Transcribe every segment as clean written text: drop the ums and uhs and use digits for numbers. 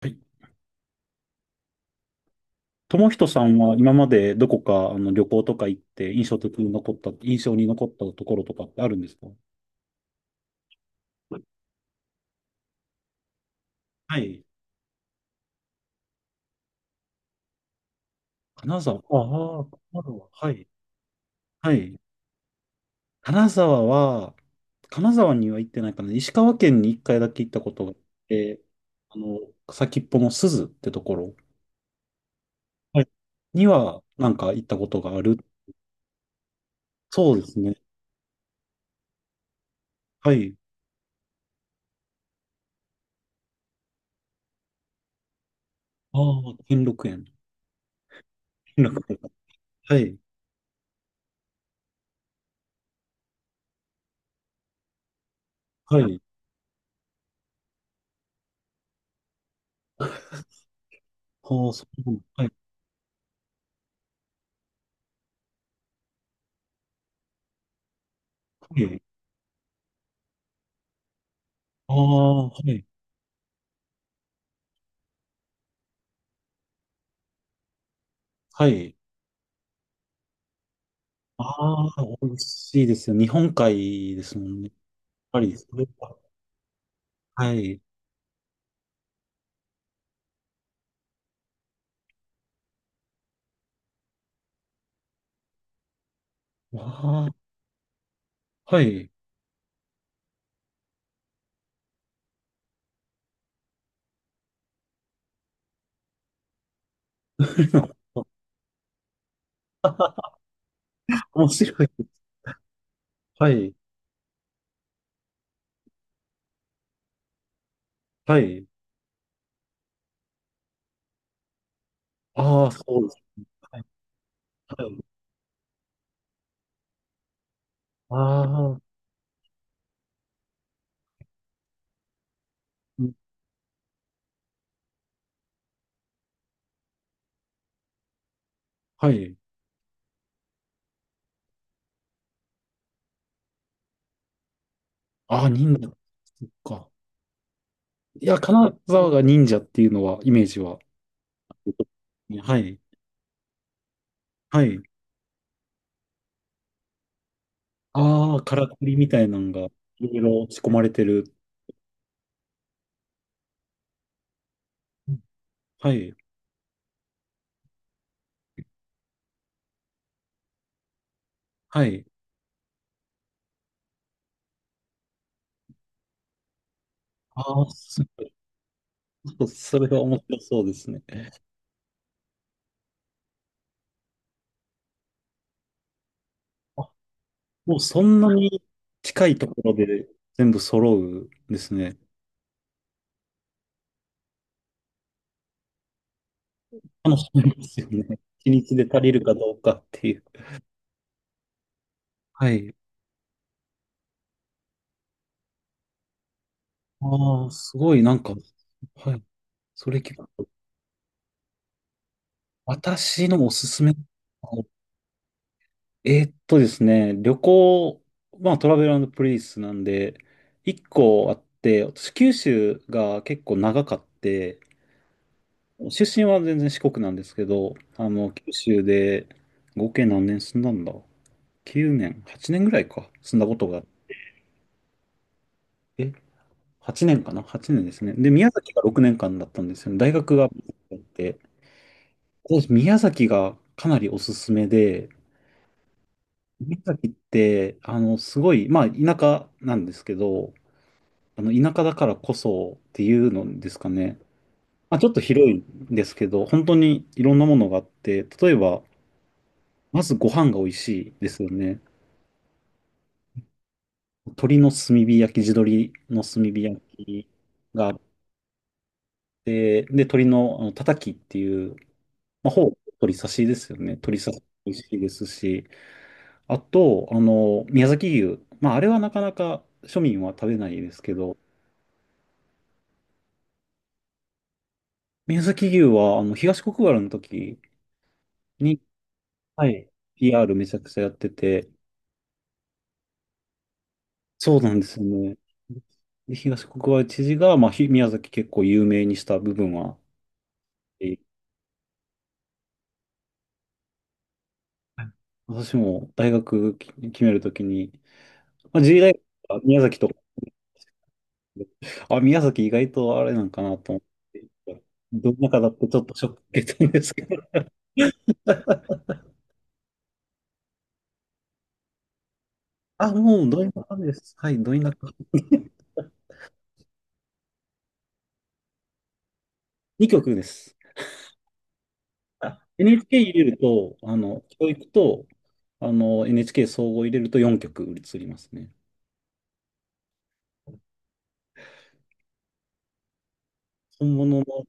はい。友人さんは今までどこか旅行とか行って印象に残ったところとかってあるんですか？はい。金沢。ああ、金沢。はい。はい。金沢は、金沢には行ってないかな。石川県に一回だけ行ったことがあって、あの、先っぽの鈴ってところ、はい。にはなんか行ったことがある。そうですね。はい。ああ、兼六園。兼六園。はい。はい。ああ、そう。はい。ああ、はい。はい。ああ、美味しいですよ。日本海ですもんね。やっぱり、それは。はい。ああ、はい。面白い。はい。はい。ああ、そうです。はい。はい。ああ、うん。はい。ああ、忍者。そっか。いや、金沢が忍者っていうのは、イメージは。はい。はい。ああ、からくりみたいなのが、いろいろ仕込まれてる。はい。はい。ああ、それは面白そうですね。あ、もうそんなに近いところで全部揃うんですね。楽しみですよね。一日で足りるかどうかっていう。はい。ああ、すごい、なんか、はい。それ聞くと。私のおすすめ。あえーっとですね、旅行、まあトラベルプリンスなんで、一個あって、私九州が結構長かって、出身は全然四国なんですけど、九州で合計何年住んだんだ？ 9 年、8年ぐらいか、住んだことがあって、8 年かな？ 8 年ですね。で、宮崎が6年間だったんですよね。大学があって、私宮崎がかなりおすすめで、宮崎って、すごい、まあ、田舎なんですけど、田舎だからこそっていうのですかね。まあ、ちょっと広いんですけど、本当にいろんなものがあって、例えば、まずご飯が美味しいですよね。鶏の炭火焼き、地鶏の炭火焼きがあって、で、鶏の、たたきっていう、まあ、ほぼ鶏刺しですよね。鶏刺し美味しいですし、あと、宮崎牛。まあ、あれはなかなか庶民は食べないですけど、宮崎牛は、東国原の時に、はい。PR めちゃくちゃやってて、そうなんですよね。で東国原知事が、まあ、宮崎結構有名にした部分は、えーはい。私も大学決めるときに、まあ、G 大学は宮崎とか、あ、宮崎意外とあれなんかなと思って、ど田舎だってちょっとショック受けたんですけど、あ、もうど田舎です。はい、ど田舎。2曲です。あ NHK 入れると、教育と、NHK 総合入れると4曲移りますね。本物の、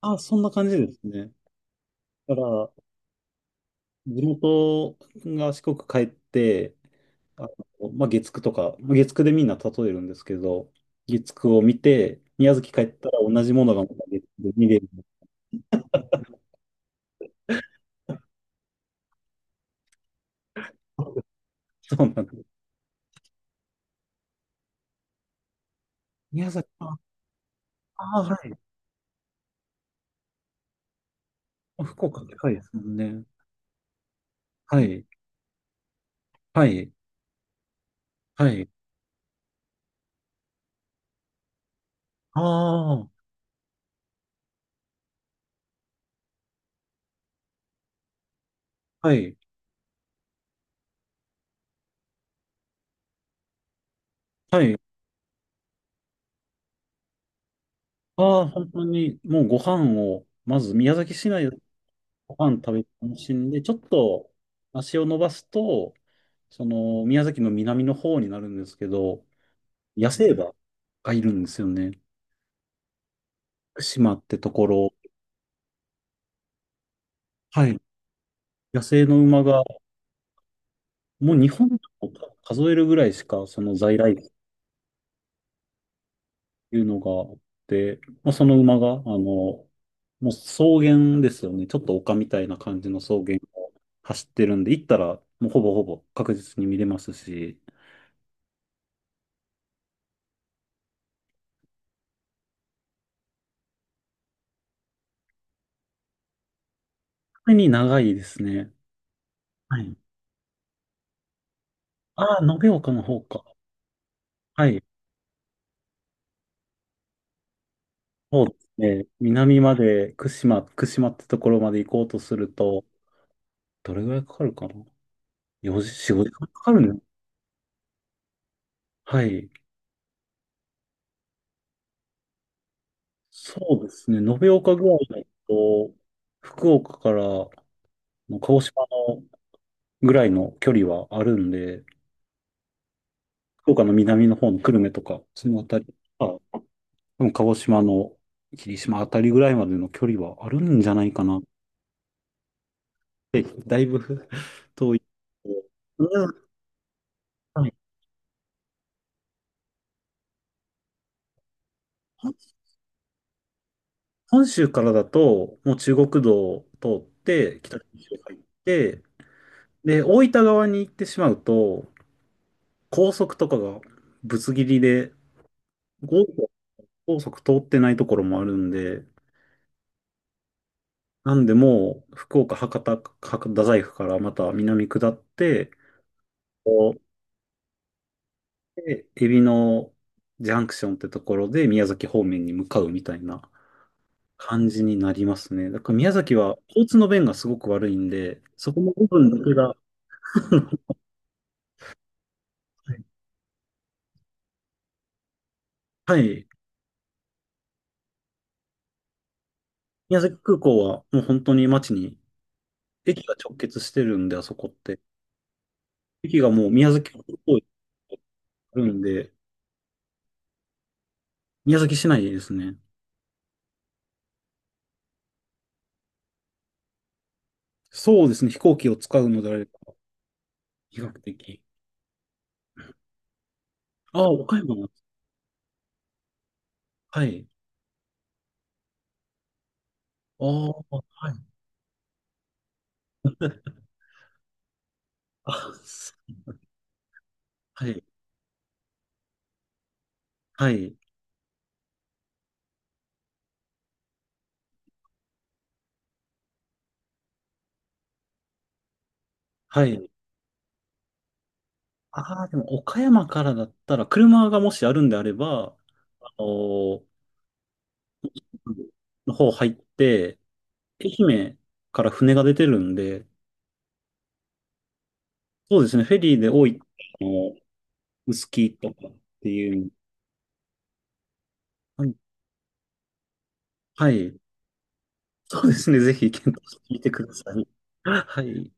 あ、そんな感じですね。だから、地元が四国帰って、あまあ、月9とか、月9でみんな例えるんですけど、月9を見て、宮崎帰ったら同じものがまた月9で見れる。そうなんです。宮崎、ああ、はい。福岡でかいですもんね。はい。はい。はい。ああ、はい。はい。ああ、本当に、もうご飯を、まず宮崎市内でご飯食べて楽しんで、ちょっと足を伸ばすと、その、宮崎の南の方になるんですけど、野生馬がいるんですよね。島ってところ、はい、野生の馬が、もう日本を数えるぐらいしか、その在来種っていうのがあって、まあ、その馬が、もう草原ですよね。ちょっと丘みたいな感じの草原を走ってるんで、行ったら、もうほぼほぼ確実に見れますし、特に長いですね。はい。ああ、延岡の方か。はい。そうですね。南まで、串間ってところまで行こうとすると、どれぐらいかかるかな？ 4 時、4、5時間かかるん。はい。そうですね。延岡ぐらいだと、福岡からの鹿児島のぐらいの距離はあるんで、福岡の南の方の久留米とか、そのあたり、あ、でも鹿児島の霧島あたりぐらいまでの距離はあるんじゃないかなって、だいぶ 遠い。うん。はい。本本州からだと、もう中国道を通って、北九州入って、で、大分側に行ってしまうと、高速とかがぶつ切りで、高速高速通ってないところもあるんで、なんでもう、福岡、博多大学からまた南下って、こう、で、海老のジャンクションってところで宮崎方面に向かうみたいな感じになりますね。だから宮崎は交通の便がすごく悪いんで、そこの部分だけが、はい。宮崎空港はもう本当に街に、駅が直結してるんで、あそこって。駅がもう宮崎空港にあるんで、宮崎市内ですね。そうですね。飛行機を使うのであれば、比較的。ああ、岡山も。はい。ああ、はい。あ、すはい。はい。はい。ああ、でも岡山からだったら、車がもしあるんであれば、あのーの方入って、愛媛から船が出てるんで、そうですね。フェリーで多い、あの、臼杵とかっていう。はい。はい。そうですね。ぜひ検討してみてください。はい。